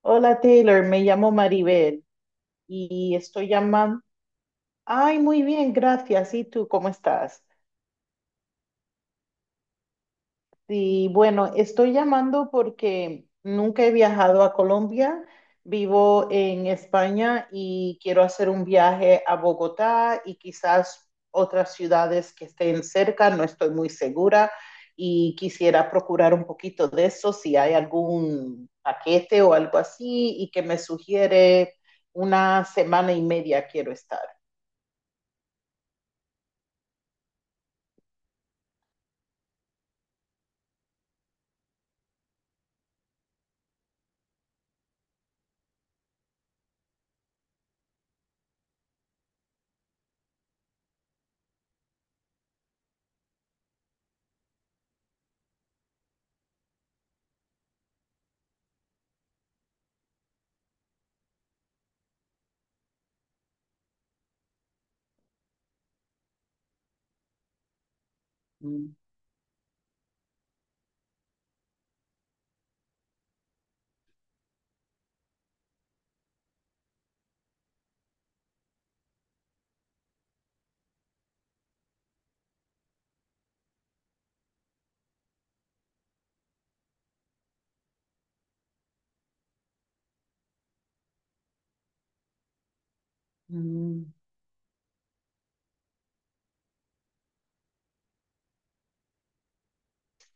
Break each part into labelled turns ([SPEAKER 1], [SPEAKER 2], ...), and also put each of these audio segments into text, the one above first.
[SPEAKER 1] Hola Taylor, me llamo Maribel y estoy llamando. Ay, muy bien, gracias. ¿Y tú cómo estás? Sí, bueno, estoy llamando porque nunca he viajado a Colombia, vivo en España y quiero hacer un viaje a Bogotá y quizás otras ciudades que estén cerca, no estoy muy segura, y quisiera procurar un poquito de eso, si hay algún paquete o algo así y que me sugiere. Una semana y media quiero estar. Mm. Mm.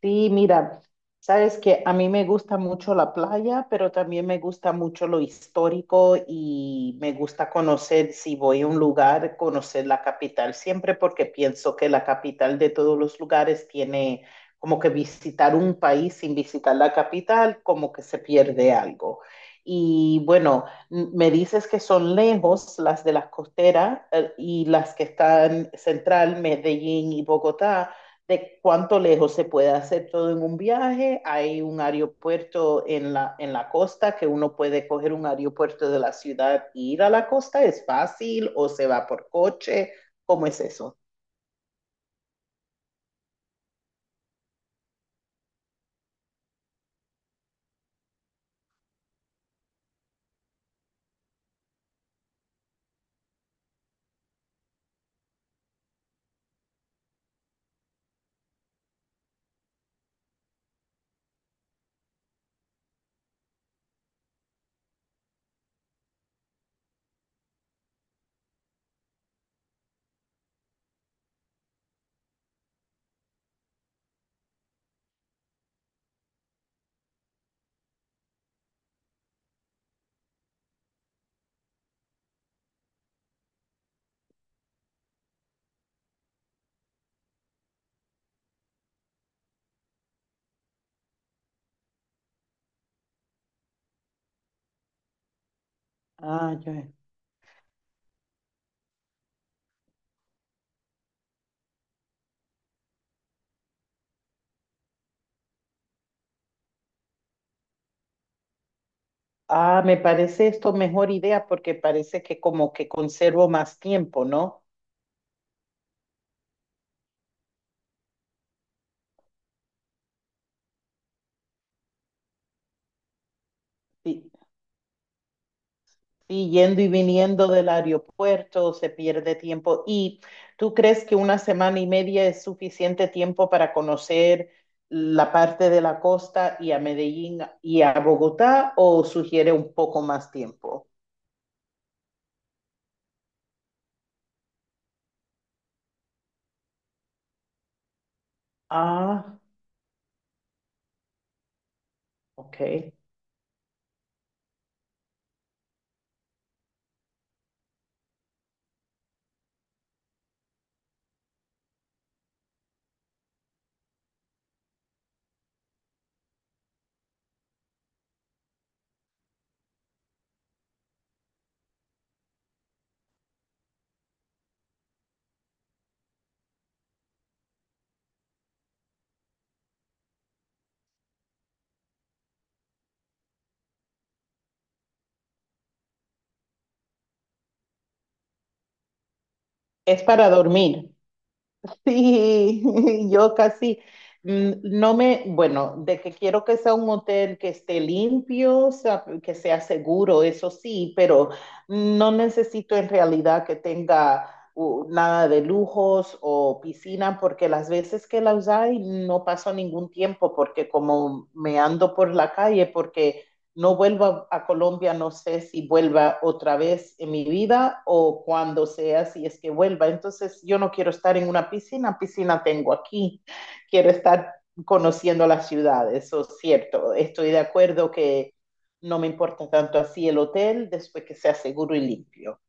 [SPEAKER 1] Sí, mira, sabes que a mí me gusta mucho la playa, pero también me gusta mucho lo histórico y me gusta conocer, si voy a un lugar, conocer la capital siempre porque pienso que la capital de todos los lugares tiene, como que visitar un país sin visitar la capital, como que se pierde algo. Y bueno, me dices que son lejos las de las costeras, y las que están central, Medellín y Bogotá, de cuánto lejos se puede hacer todo en un viaje. Hay un aeropuerto en la costa que uno puede coger un aeropuerto de la ciudad e ir a la costa. ¿Es fácil o se va por coche? ¿Cómo es eso? Ah, ya. Ah, me parece esto mejor idea porque parece que como que conservo más tiempo, ¿no? Sí. Sí, yendo y viniendo del aeropuerto se pierde tiempo. ¿Y tú crees que una semana y media es suficiente tiempo para conocer la parte de la costa y a Medellín y a Bogotá o sugiere un poco más tiempo? Ah, ok. Es para dormir. Sí, yo casi no me, bueno, de que quiero que sea un hotel que esté limpio, o sea, que sea seguro, eso sí, pero no necesito en realidad que tenga nada de lujos o piscina, porque las veces que las hay no paso ningún tiempo, porque como me ando por la calle, porque no vuelva a Colombia, no sé si vuelva otra vez en mi vida o cuando sea, si es que vuelva. Entonces, yo no quiero estar en una piscina, piscina tengo aquí, quiero estar conociendo la ciudad, eso es cierto. Estoy de acuerdo que no me importa tanto así el hotel después que sea seguro y limpio.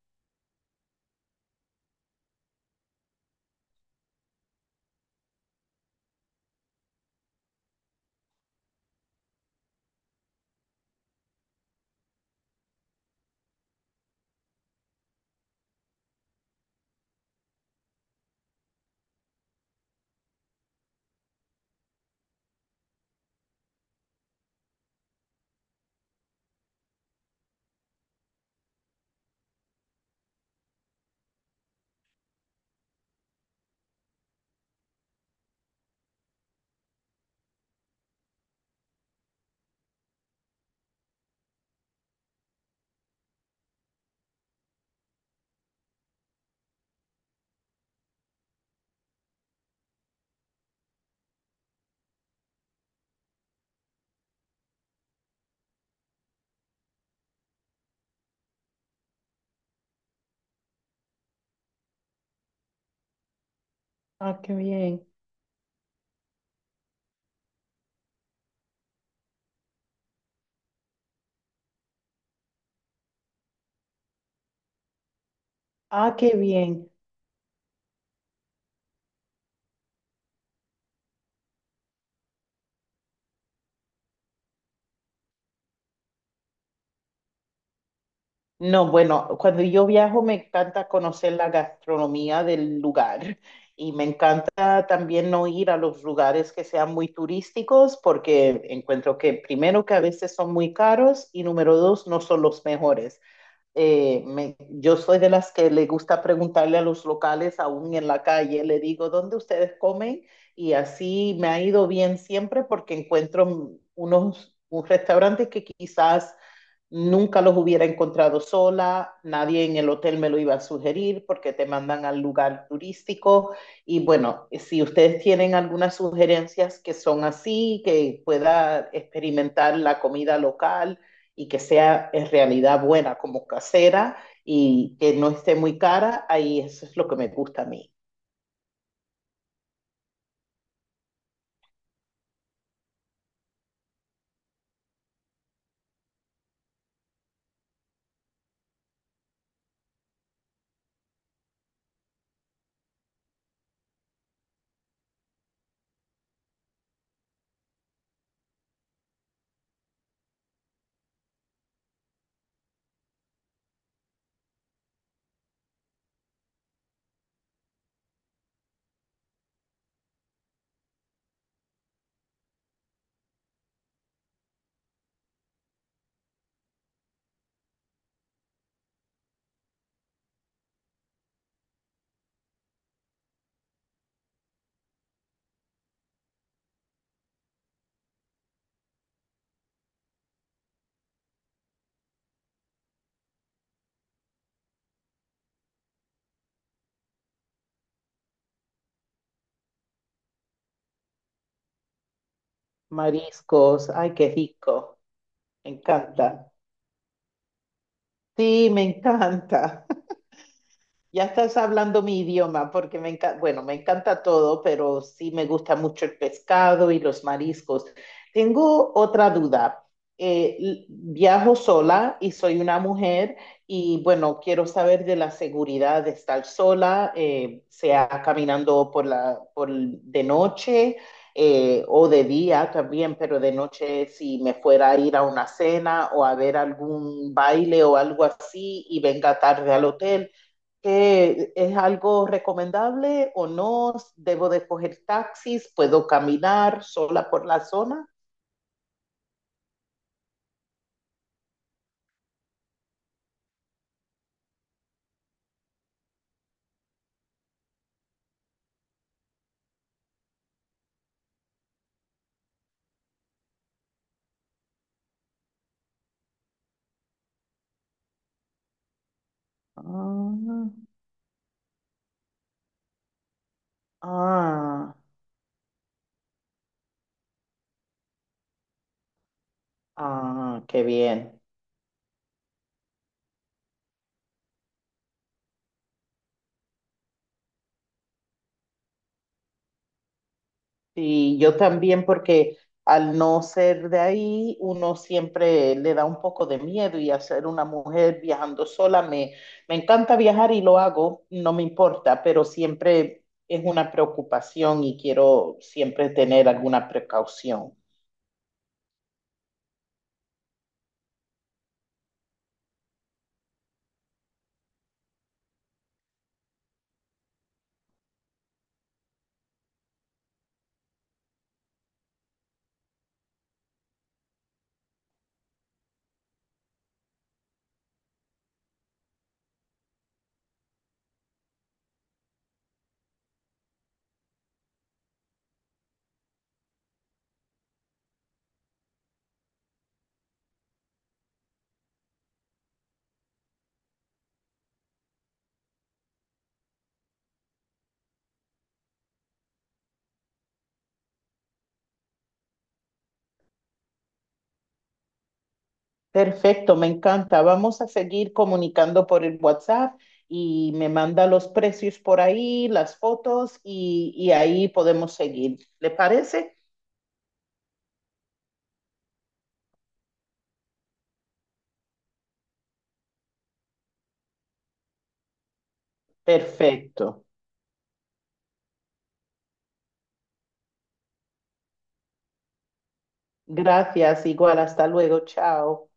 [SPEAKER 1] Ah, qué bien. Ah, qué bien. No, bueno, cuando yo viajo me encanta conocer la gastronomía del lugar y me encanta también no ir a los lugares que sean muy turísticos porque encuentro que primero que a veces son muy caros y número 2 no son los mejores. Yo soy de las que le gusta preguntarle a los locales aún en la calle, le digo, ¿dónde ustedes comen? Y así me ha ido bien siempre porque encuentro unos, un restaurante que quizás nunca los hubiera encontrado sola, nadie en el hotel me lo iba a sugerir porque te mandan al lugar turístico. Y bueno, si ustedes tienen algunas sugerencias que son así, que pueda experimentar la comida local y que sea en realidad buena, como casera, y que no esté muy cara, ahí eso es lo que me gusta a mí. Mariscos, ay, qué rico, me encanta. Sí, me encanta. Ya estás hablando mi idioma porque me encanta, bueno, me encanta todo, pero sí me gusta mucho el pescado y los mariscos. Tengo otra duda. Viajo sola y soy una mujer y bueno, quiero saber de la seguridad de estar sola, sea caminando por la, de noche, o de día también, pero de noche si me fuera a ir a una cena o a ver algún baile o algo así y venga tarde al hotel. ¿Es algo recomendable o no? ¿Debo de coger taxis? ¿Puedo caminar sola por la zona? Ah, ah, ah, qué bien. Sí, yo también porque al no ser de ahí, uno siempre le da un poco de miedo y hacer una mujer viajando sola, me encanta viajar y lo hago, no me importa, pero siempre es una preocupación y quiero siempre tener alguna precaución. Perfecto, me encanta. Vamos a seguir comunicando por el WhatsApp y me manda los precios por ahí, las fotos y ahí podemos seguir. ¿Le parece? Perfecto. Gracias, igual, hasta luego, chao.